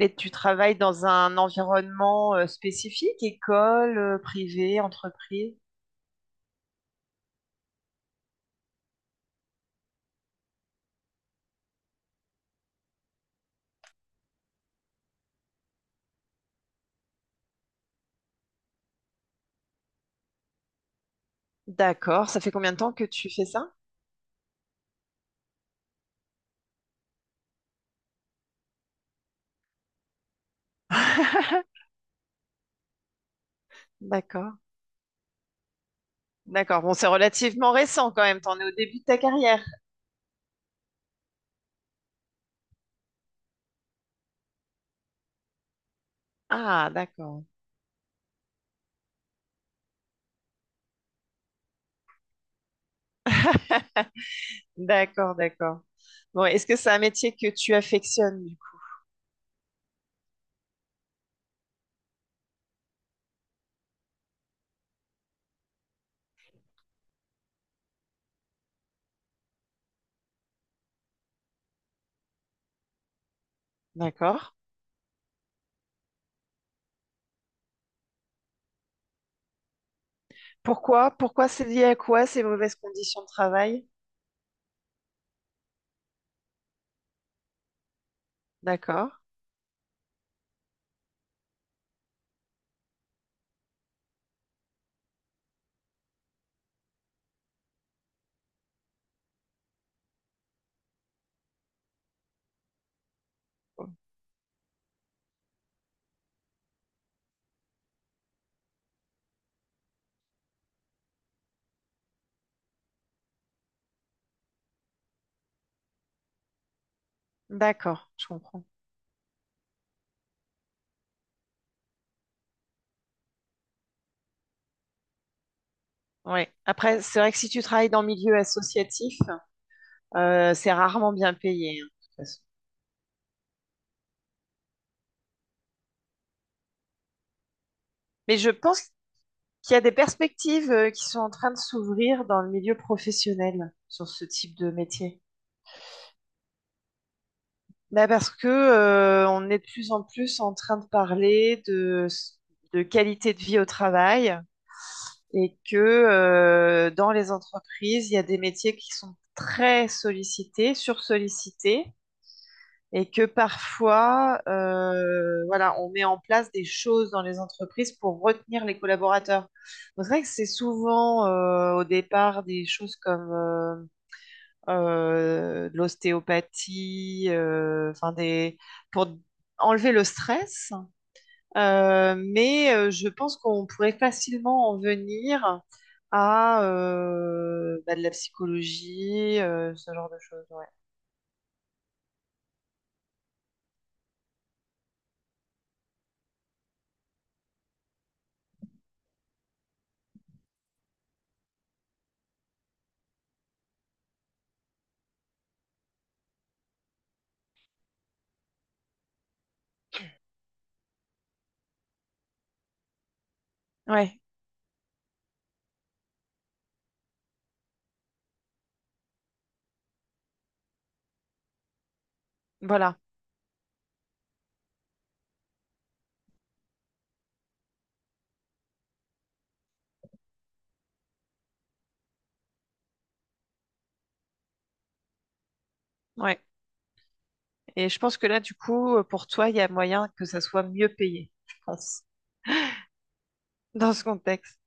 Et tu travailles dans un environnement spécifique, école, privée, entreprise? D'accord. Ça fait combien de temps que tu fais ça? D'accord. D'accord. Bon, c'est relativement récent quand même. T'en es au début de ta carrière. Ah, d'accord. D'accord, d'accord. Bon, est-ce que c'est un métier que tu affectionnes, du coup? D'accord. Pourquoi? Pourquoi c'est lié à quoi ces mauvaises conditions de travail? D'accord. D'accord, je comprends. Ouais. Après, c'est vrai que si tu travailles dans le milieu associatif, c'est rarement bien payé, hein, de toute façon. Mais je pense qu'il y a des perspectives qui sont en train de s'ouvrir dans le milieu professionnel sur ce type de métier. Bah, parce que on est de plus en plus en train de parler de qualité de vie au travail et que dans les entreprises, il y a des métiers qui sont très sollicités, sursollicités et que parfois, voilà, on met en place des choses dans les entreprises pour retenir les collaborateurs. Donc, c'est vrai que c'est souvent au départ des choses comme de l'ostéopathie, enfin des pour enlever le stress. Mais je pense qu'on pourrait facilement en venir à bah, de la psychologie, ce genre de choses. Ouais, ouais, voilà. Ouais. Et je pense que là, du coup, pour toi, il y a moyen que ça soit mieux payé, je pense, dans ce contexte.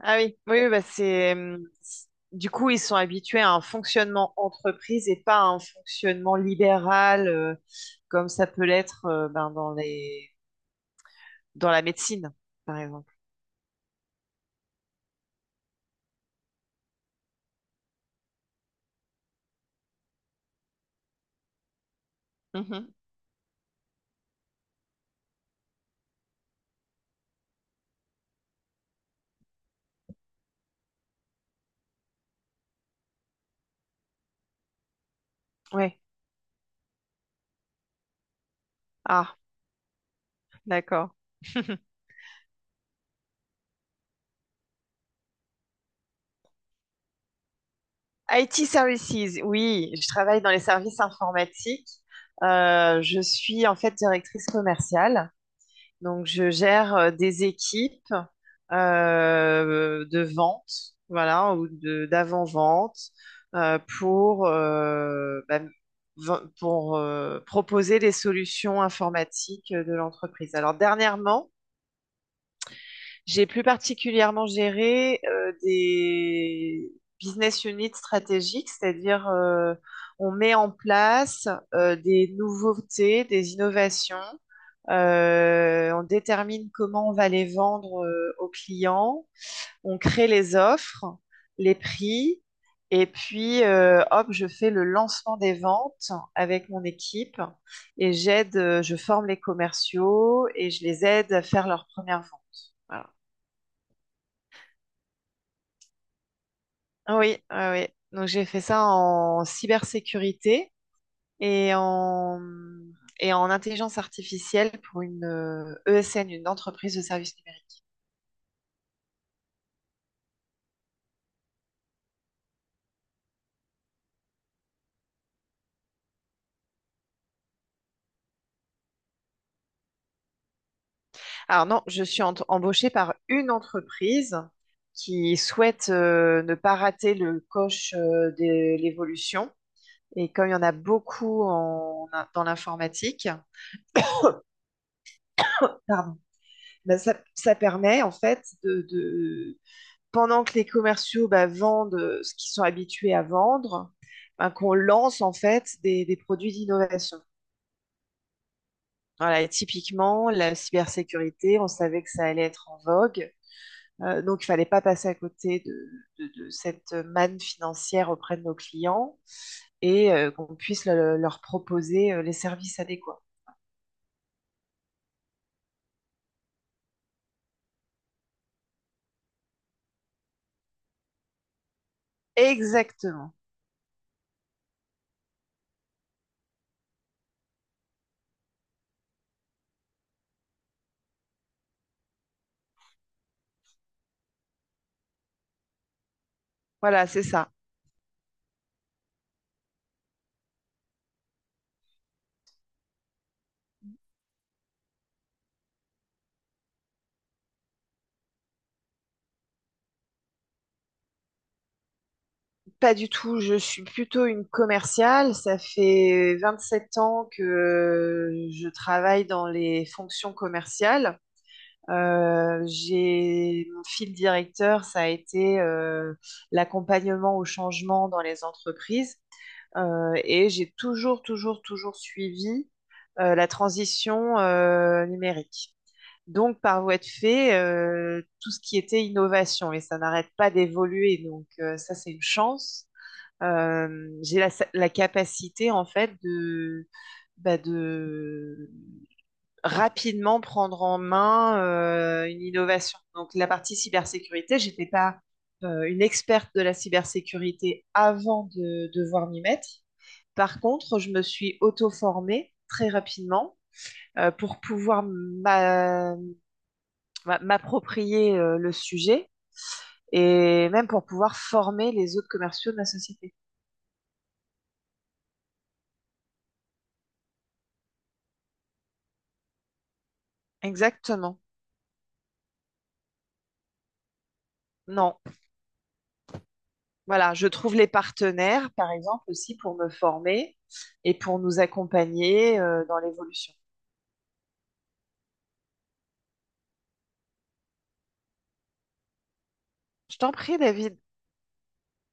Ah oui, oui, oui, bah c'est du coup, ils sont habitués à un fonctionnement entreprise et pas à un fonctionnement libéral, comme ça peut l'être ben, dans les dans la médecine, par exemple. Mhm. Oui. Ah, d'accord. IT Services, oui, je travaille dans les services informatiques. Je suis en fait directrice commerciale. Donc, je gère des équipes de vente, voilà, ou de d'avant-vente euh, pour, euh, bah, pour proposer les solutions informatiques de l'entreprise. Alors, dernièrement, j'ai plus particulièrement géré des business units stratégiques, c'est-à-dire on met en place des nouveautés, des innovations, on détermine comment on va les vendre aux clients, on crée les offres, les prix, et puis hop, je fais le lancement des ventes avec mon équipe et je forme les commerciaux et je les aide à faire leur première vente. Voilà. Oui, ouais, ouais. Donc j'ai fait ça en cybersécurité et en, et en intelligence artificielle pour une ESN, une entreprise de services numériques. Alors non, je suis embauchée par une entreprise qui souhaite ne pas rater le coche de l'évolution. Et comme il y en a beaucoup dans l'informatique, pardon, ben, ça permet en fait de, pendant que les commerciaux bah, vendent ce qu'ils sont habitués à vendre, bah, qu'on lance en fait des produits d'innovation. Voilà, et typiquement, la cybersécurité, on savait que ça allait être en vogue. Donc, il fallait pas passer à côté de, de cette manne financière auprès de nos clients et qu'on puisse leur proposer les services adéquats. Exactement. Voilà, c'est ça. Pas du tout, je suis plutôt une commerciale. Ça fait 27 ans que je travaille dans les fonctions commerciales. J'ai mon fil directeur, ça a été l'accompagnement au changement dans les entreprises. Et j'ai toujours suivi la transition numérique. Donc, par voie de fait, tout ce qui était innovation, et ça n'arrête pas d'évoluer, donc ça, c'est une chance. J'ai la, la capacité en fait de, bah, de rapidement prendre en main une innovation. Donc la partie cybersécurité, j'étais pas une experte de la cybersécurité avant de devoir m'y mettre. Par contre, je me suis auto-formée très rapidement pour pouvoir m'approprier le sujet et même pour pouvoir former les autres commerciaux de la société. Exactement. Non, voilà, je trouve les partenaires, par exemple, aussi pour me former et pour nous accompagner dans l'évolution. Je t'en prie, David.